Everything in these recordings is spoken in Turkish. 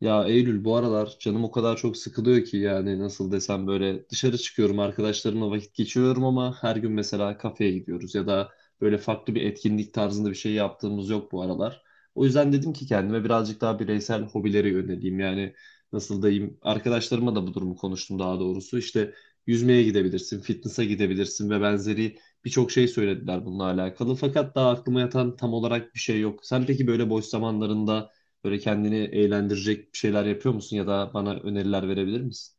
Ya Eylül bu aralar canım o kadar çok sıkılıyor ki, yani nasıl desem, böyle dışarı çıkıyorum, arkadaşlarımla vakit geçiriyorum ama her gün mesela kafeye gidiyoruz ya da böyle farklı bir etkinlik tarzında bir şey yaptığımız yok bu aralar. O yüzden dedim ki kendime, birazcık daha bireysel hobilere yöneleyim. Yani nasıl diyeyim, arkadaşlarıma da bu durumu konuştum, daha doğrusu işte yüzmeye gidebilirsin, fitness'a gidebilirsin ve benzeri birçok şey söylediler bununla alakalı, fakat daha aklıma yatan tam olarak bir şey yok. Sen peki böyle boş zamanlarında böyle kendini eğlendirecek bir şeyler yapıyor musun ya da bana öneriler verebilir misin?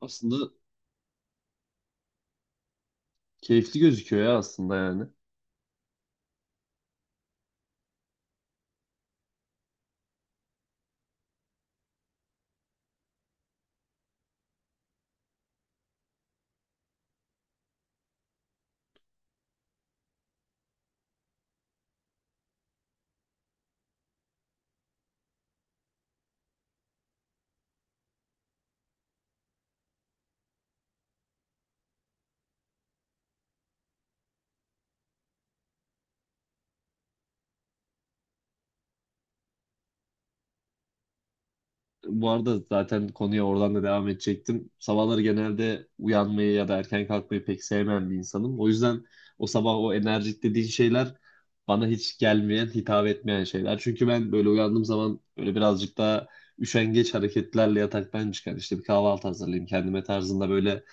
Aslında keyifli gözüküyor ya aslında yani. Bu arada zaten konuya oradan da devam edecektim. Sabahları genelde uyanmayı ya da erken kalkmayı pek sevmeyen bir insanım. O yüzden o sabah o enerjik dediğin şeyler bana hiç gelmeyen, hitap etmeyen şeyler. Çünkü ben böyle uyandığım zaman böyle birazcık daha üşengeç hareketlerle yataktan çıkan, işte bir kahvaltı hazırlayayım kendime tarzında, böyle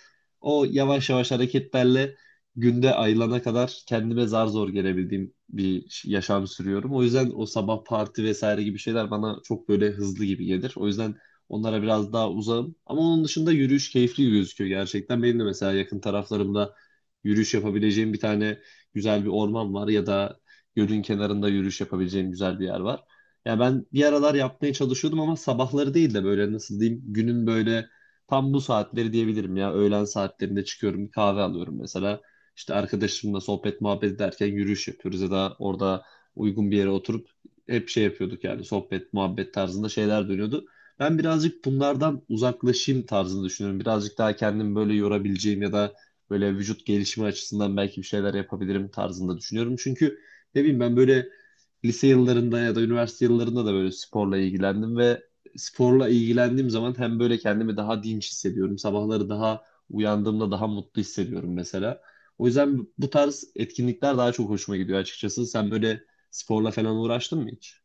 o yavaş yavaş hareketlerle günde ayılana kadar kendime zar zor gelebildiğim bir yaşam sürüyorum. O yüzden o sabah parti vesaire gibi şeyler bana çok böyle hızlı gibi gelir. O yüzden onlara biraz daha uzağım. Ama onun dışında yürüyüş keyifli gözüküyor gerçekten. Benim de mesela yakın taraflarımda yürüyüş yapabileceğim bir tane güzel bir orman var ya da gölün kenarında yürüyüş yapabileceğim güzel bir yer var. Ya ben bir aralar yapmaya çalışıyordum ama sabahları değil de böyle nasıl diyeyim, günün böyle tam bu saatleri diyebilirim ya. Öğlen saatlerinde çıkıyorum, bir kahve alıyorum mesela. İşte arkadaşımla sohbet muhabbet ederken yürüyüş yapıyoruz ya da orada uygun bir yere oturup hep şey yapıyorduk, yani sohbet muhabbet tarzında şeyler dönüyordu. Ben birazcık bunlardan uzaklaşayım tarzını düşünüyorum. Birazcık daha kendimi böyle yorabileceğim ya da böyle vücut gelişimi açısından belki bir şeyler yapabilirim tarzında düşünüyorum. Çünkü ne bileyim, ben böyle lise yıllarında ya da üniversite yıllarında da böyle sporla ilgilendim ve sporla ilgilendiğim zaman hem böyle kendimi daha dinç hissediyorum. Sabahları daha uyandığımda daha mutlu hissediyorum mesela. O yüzden bu tarz etkinlikler daha çok hoşuma gidiyor açıkçası. Sen böyle sporla falan uğraştın mı hiç?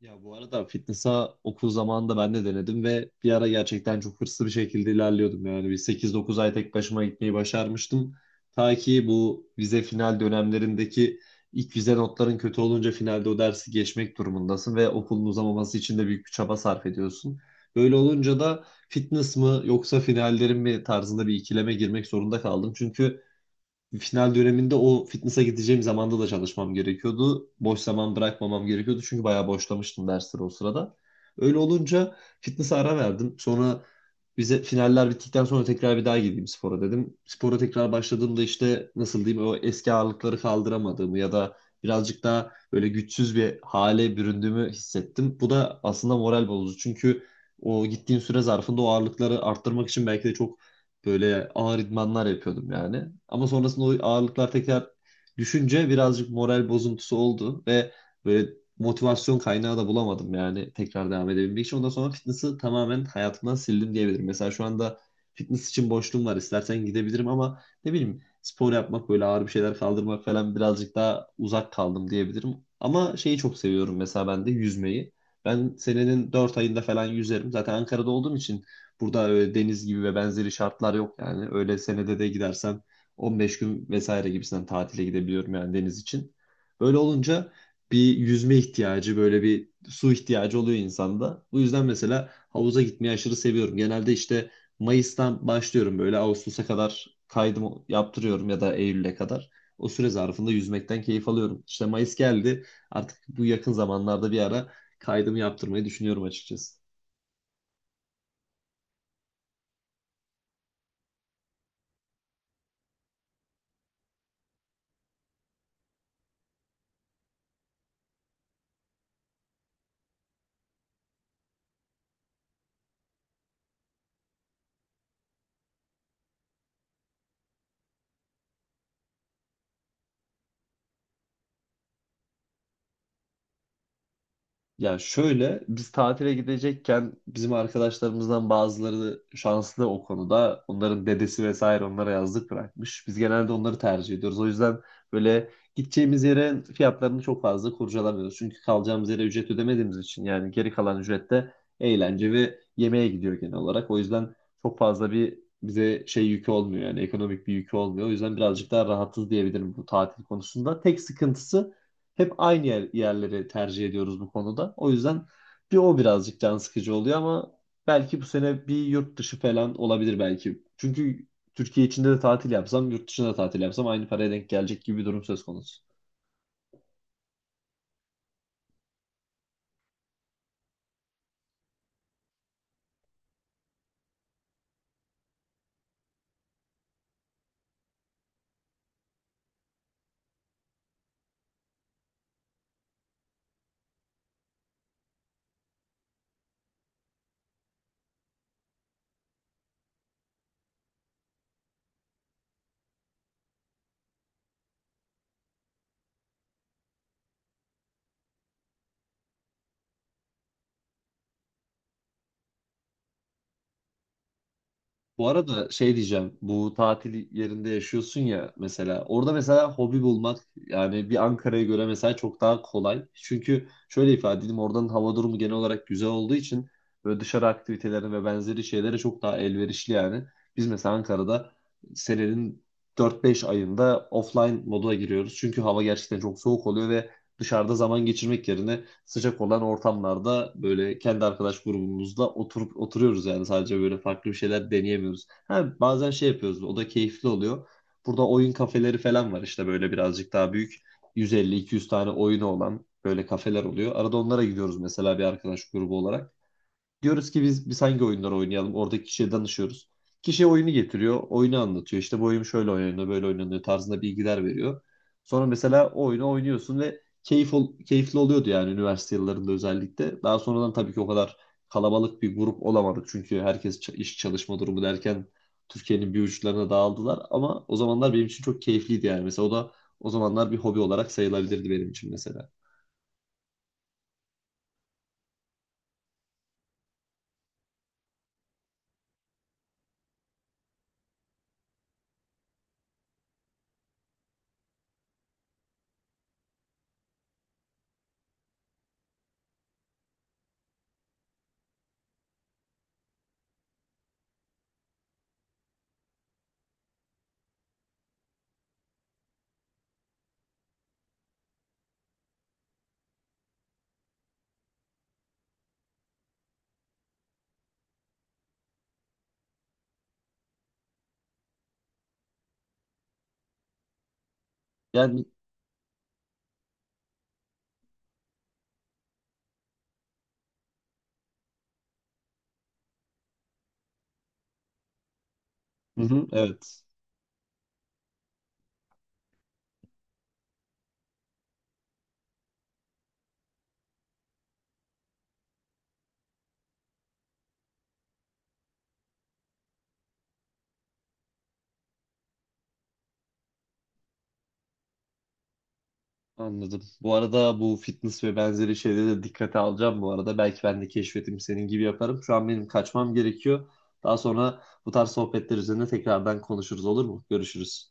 Ya bu arada fitness'a okul zamanında ben de denedim ve bir ara gerçekten çok hırslı bir şekilde ilerliyordum. Yani bir 8-9 ay tek başıma gitmeyi başarmıştım. Ta ki bu vize final dönemlerindeki ilk vize notların kötü olunca finalde o dersi geçmek durumundasın ve okulun uzamaması için de büyük bir çaba sarf ediyorsun. Böyle olunca da fitness mı yoksa finallerin mi tarzında bir ikileme girmek zorunda kaldım. Çünkü final döneminde o fitness'a gideceğim zamanda da çalışmam gerekiyordu. Boş zaman bırakmamam gerekiyordu, çünkü bayağı boşlamıştım dersleri o sırada. Öyle olunca fitness'a ara verdim. Sonra bize finaller bittikten sonra tekrar bir daha gideyim spora dedim. Spora tekrar başladığımda işte nasıl diyeyim, o eski ağırlıkları kaldıramadığımı ya da birazcık daha böyle güçsüz bir hale büründüğümü hissettim. Bu da aslında moral bozucu, çünkü o gittiğim süre zarfında o ağırlıkları arttırmak için belki de çok böyle ağır idmanlar yapıyordum yani. Ama sonrasında o ağırlıklar tekrar düşünce birazcık moral bozuntusu oldu ve böyle motivasyon kaynağı da bulamadım yani tekrar devam edebilmek için. Ondan sonra fitness'ı tamamen hayatımdan sildim diyebilirim. Mesela şu anda fitness için boşluğum var. İstersen gidebilirim ama ne bileyim, spor yapmak, böyle ağır bir şeyler kaldırmak falan, birazcık daha uzak kaldım diyebilirim. Ama şeyi çok seviyorum mesela ben de, yüzmeyi. Ben senenin 4 ayında falan yüzerim. Zaten Ankara'da olduğum için burada öyle deniz gibi ve benzeri şartlar yok yani. Öyle senede de gidersen 15 gün vesaire gibisinden tatile gidebiliyorum yani deniz için. Böyle olunca bir yüzme ihtiyacı, böyle bir su ihtiyacı oluyor insanda. Bu yüzden mesela havuza gitmeyi aşırı seviyorum. Genelde işte Mayıs'tan başlıyorum, böyle Ağustos'a kadar kaydımı yaptırıyorum ya da Eylül'e kadar. O süre zarfında yüzmekten keyif alıyorum. İşte Mayıs geldi. Artık bu yakın zamanlarda bir ara kaydımı yaptırmayı düşünüyorum açıkçası. Ya şöyle, biz tatile gidecekken bizim arkadaşlarımızdan bazıları şanslı o konuda. Onların dedesi vesaire onlara yazlık bırakmış. Biz genelde onları tercih ediyoruz. O yüzden böyle gideceğimiz yere fiyatlarını çok fazla kurcalamıyoruz. Çünkü kalacağımız yere ücret ödemediğimiz için yani geri kalan ücret de eğlence ve yemeğe gidiyor genel olarak. O yüzden çok fazla bir bize şey yükü olmuyor, yani ekonomik bir yükü olmuyor. O yüzden birazcık daha rahatız diyebilirim bu tatil konusunda. Tek sıkıntısı hep aynı yer, yerleri tercih ediyoruz bu konuda. O yüzden bir o birazcık can sıkıcı oluyor ama belki bu sene bir yurt dışı falan olabilir belki. Çünkü Türkiye içinde de tatil yapsam, yurt dışında da tatil yapsam aynı paraya denk gelecek gibi bir durum söz konusu. Bu arada şey diyeceğim. Bu tatil yerinde yaşıyorsun ya mesela. Orada mesela hobi bulmak yani bir Ankara'ya göre mesela çok daha kolay. Çünkü şöyle ifade edeyim, oradanın hava durumu genel olarak güzel olduğu için böyle dışarı aktivitelerine ve benzeri şeylere çok daha elverişli yani. Biz mesela Ankara'da senenin 4-5 ayında offline moduna giriyoruz. Çünkü hava gerçekten çok soğuk oluyor ve dışarıda zaman geçirmek yerine sıcak olan ortamlarda böyle kendi arkadaş grubumuzda oturup oturuyoruz, yani sadece böyle farklı bir şeyler deneyemiyoruz. Ha, bazen şey yapıyoruz, o da keyifli oluyor. Burada oyun kafeleri falan var, işte böyle birazcık daha büyük, 150-200 tane oyunu olan böyle kafeler oluyor. Arada onlara gidiyoruz mesela bir arkadaş grubu olarak. Diyoruz ki biz hangi oyunları oynayalım? Oradaki kişiye danışıyoruz. Kişi oyunu getiriyor, oyunu anlatıyor. İşte bu oyun şöyle oynanıyor, böyle oynanıyor tarzında bilgiler veriyor. Sonra mesela o oyunu oynuyorsun ve keyifli oluyordu yani, üniversite yıllarında özellikle. Daha sonradan tabii ki o kadar kalabalık bir grup olamadık. Çünkü herkes iş çalışma durumu derken Türkiye'nin bir uçlarına dağıldılar. Ama o zamanlar benim için çok keyifliydi yani. Mesela o da o zamanlar bir hobi olarak sayılabilirdi benim için mesela. Yani hı hı, evet. Anladım. Bu arada bu fitness ve benzeri şeyleri de dikkate alacağım bu arada. Belki ben de keşfetim senin gibi yaparım. Şu an benim kaçmam gerekiyor. Daha sonra bu tarz sohbetler üzerine tekrardan konuşuruz, olur mu? Görüşürüz.